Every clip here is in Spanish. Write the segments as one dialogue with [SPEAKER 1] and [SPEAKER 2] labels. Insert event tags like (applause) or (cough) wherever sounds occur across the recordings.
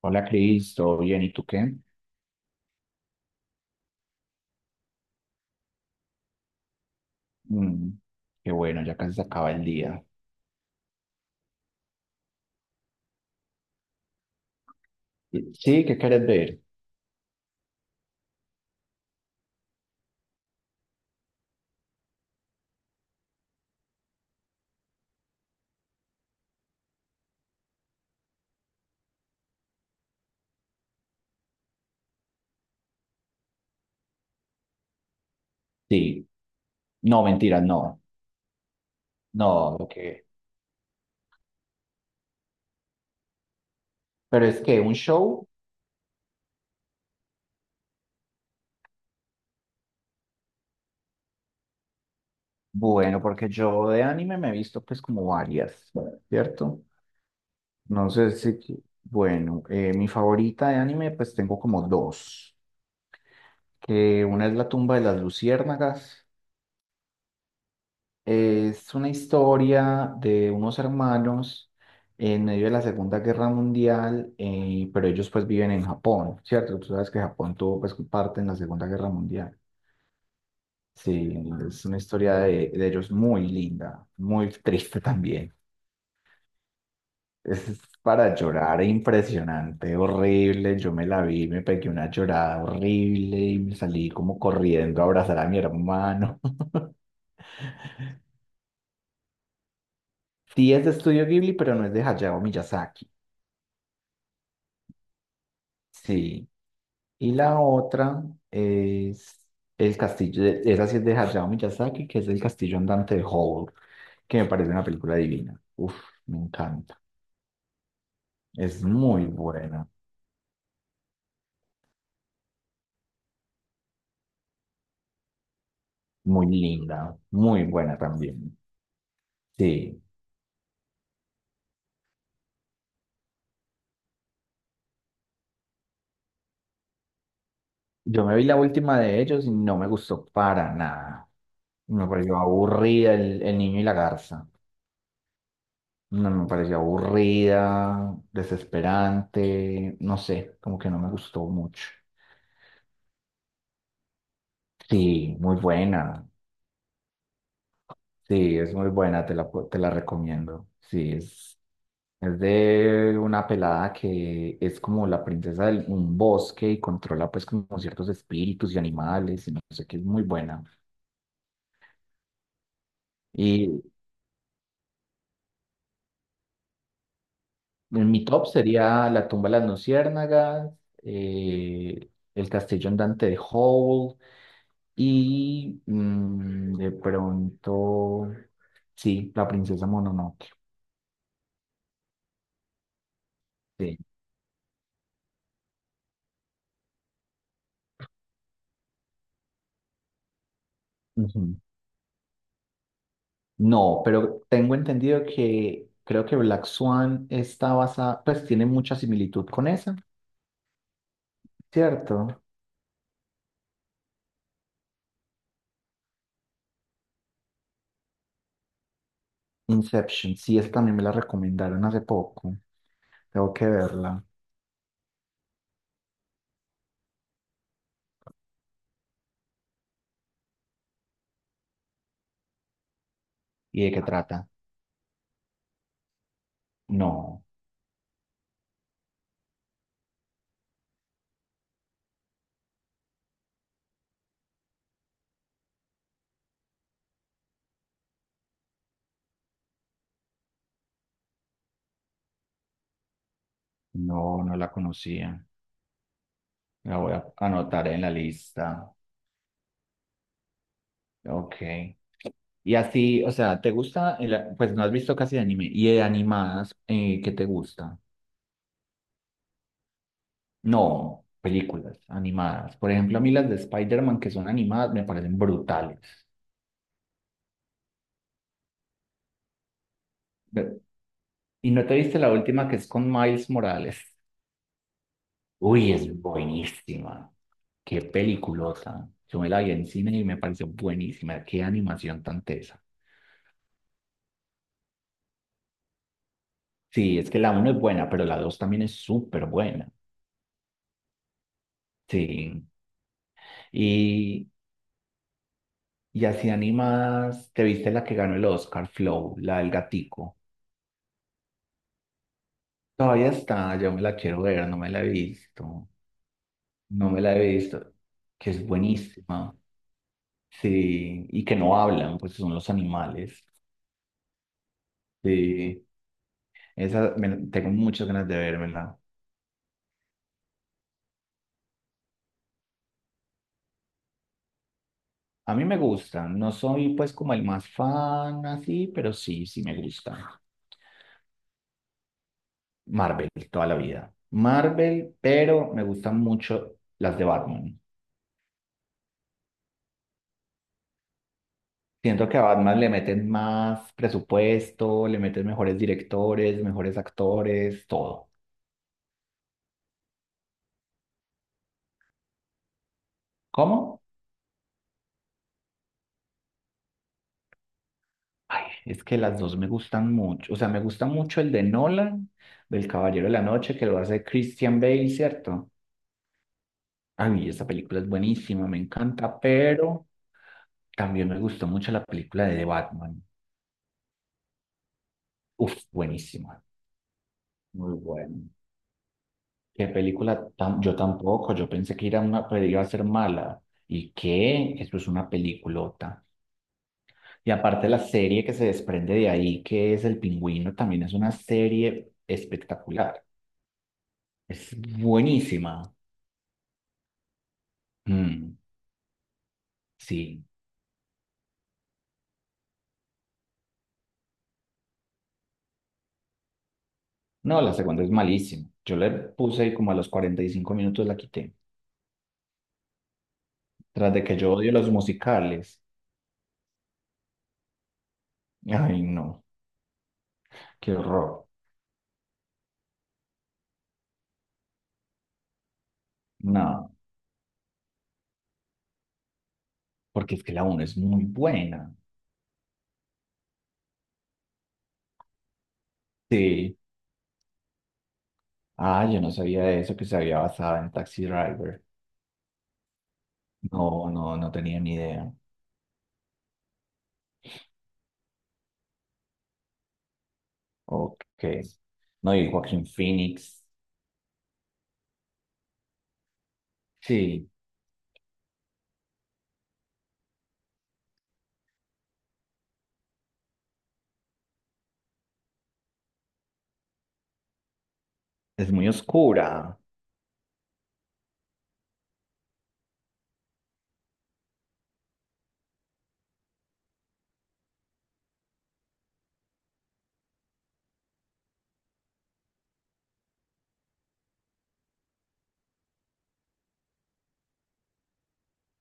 [SPEAKER 1] Hola Cris, ¿todo bien? ¿Y tú qué? Mm, qué bueno, ya casi se acaba el día. Sí, ¿qué quieres ver? Sí, no, mentira, no, no, lo que... Pero es que un show, bueno, porque yo de anime me he visto pues como varias, ¿cierto? No sé si, bueno, mi favorita de anime pues tengo como dos, que una es La tumba de las luciérnagas. Es una historia de unos hermanos en medio de la Segunda Guerra Mundial, pero ellos pues viven en Japón, ¿cierto? Tú sabes que Japón tuvo pues parte en la Segunda Guerra Mundial. Sí, es una historia de ellos muy linda, muy triste también. Es para llorar, impresionante, horrible. Yo me la vi, me pegué una llorada horrible y me salí como corriendo a abrazar a mi hermano. (laughs) Sí, es de Estudio Ghibli, pero no es de Hayao Miyazaki. Sí. Y la otra es esa sí es de Hayao Miyazaki, que es el castillo andante de Howl, que me parece una película divina. Uf, me encanta. Es muy buena, muy linda, muy buena también. Sí, yo me vi la última de ellos y no me gustó para nada. Me pareció aburrida el niño y la garza. No, me pareció aburrida, desesperante, no sé, como que no me gustó mucho. Sí, muy buena. Sí, es muy buena, te la recomiendo. Sí, es de una pelada que es como la princesa de un bosque y controla pues como ciertos espíritus y animales y no sé qué, es muy buena. Y en mi top sería La tumba de las luciérnagas, eh, El castillo andante de Howl y de pronto, sí, La princesa Mononoke. Sí. No, pero tengo entendido que creo que Black Swan está basada, pues tiene mucha similitud con esa, ¿cierto? Inception, sí, esa también me la recomendaron hace poco. Tengo que verla. ¿Y de qué trata? No, no, no la conocía. La voy a anotar en la lista. Ok. Y así, o sea, ¿te gusta? El- pues no has visto casi anime. ¿Y de animadas, qué te gusta? No, películas animadas. Por ejemplo, a mí las de Spider-Man que son animadas me parecen brutales. Ve- ¿Y no te viste la última que es con Miles Morales? Uy, es buenísima. Qué peliculota. Yo me la vi en cine y me pareció buenísima. Qué animación tan tesa. Sí, es que la uno es buena, pero la dos también es súper buena. Sí. Y, y así animadas, ¿te viste la que ganó el Oscar, Flow, la del gatico? Todavía está, yo me la quiero ver, no me la he visto. No me la he visto, que es buenísima. Sí, y que no hablan, pues son los animales. Sí, esa me- tengo muchas ganas de vérmela. A mí me gusta, no soy pues como el más fan así, pero sí, sí me gusta. Marvel, toda la vida. Marvel, pero me gustan mucho las de Batman. Siento que a Batman le meten más presupuesto, le meten mejores directores, mejores actores, todo. ¿Cómo? Ay, es que las dos me gustan mucho. O sea, me gusta mucho el de Nolan, del Caballero de la Noche, que lo hace Christian Bale, ¿cierto? Ay, esa película es buenísima, me encanta, pero también me gustó mucho la película de The Batman. Uf, buenísima. Muy buena. Qué película tan... Yo tampoco, yo pensé que era una, pues, iba a ser mala. ¿Y qué? Eso es una peliculota. Y aparte la serie que se desprende de ahí, que es El Pingüino, también es una serie espectacular. Es buenísima. Mm, sí. No, la segunda es malísima. Yo le puse y como a los 45 minutos la quité. Tras de que yo odio los musicales. Ay, no. Qué horror. No, porque es que la uno es muy buena. Sí. Ah, yo no sabía de eso, que se había basado en Taxi Driver. No, no, no tenía ni idea. Ok. No, y Joaquín Phoenix. Sí, es muy oscura.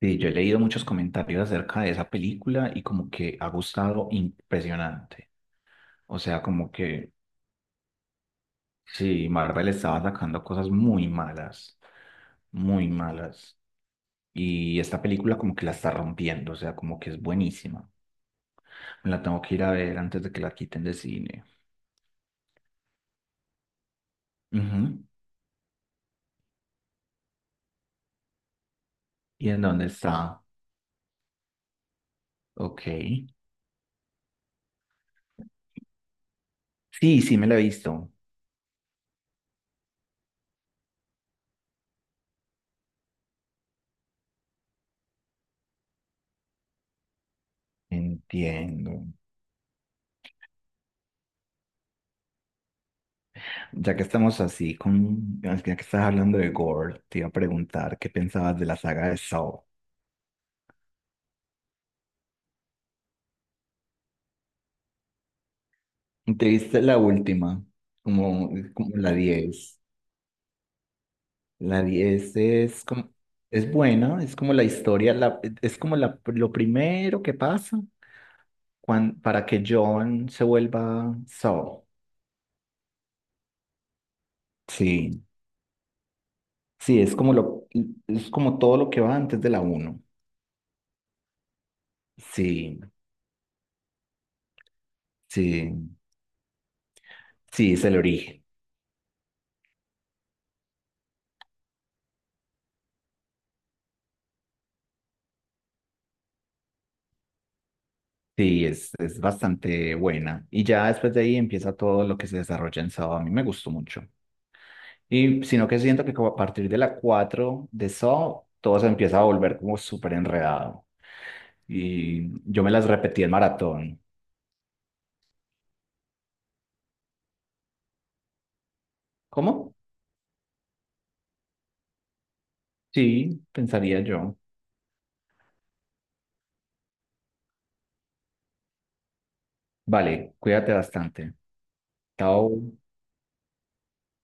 [SPEAKER 1] Sí, yo he leído muchos comentarios acerca de esa película y como que ha gustado impresionante. O sea, como que sí, Marvel estaba sacando cosas muy malas, muy malas. Y esta película como que la está rompiendo, o sea, como que es buenísima. Me la tengo que ir a ver antes de que la quiten de cine. Ujú. ¿Y en dónde está? Ok. Sí, sí, me la he visto. Entiendo. Ya que estamos así con, ya que estás hablando de Gore, te iba a preguntar qué pensabas de la saga de Saw. ¿Te viste la última? Como, como la 10. La 10 es como, es buena, es como la historia, la, es como la, lo primero que pasa para que John se vuelva Saul. Sí, sí, es como todo lo que va antes de la uno. Sí, sí, sí, es el origen. Sí, es bastante buena. Y ya después de ahí empieza todo lo que se desarrolla en Saw. A mí me gustó mucho. Y sino que siento que como a partir de la 4 de Saw, todo se empieza a volver como súper enredado. Y yo me las repetí en maratón. ¿Cómo? Sí, pensaría yo. Vale, cuídate bastante. Chao.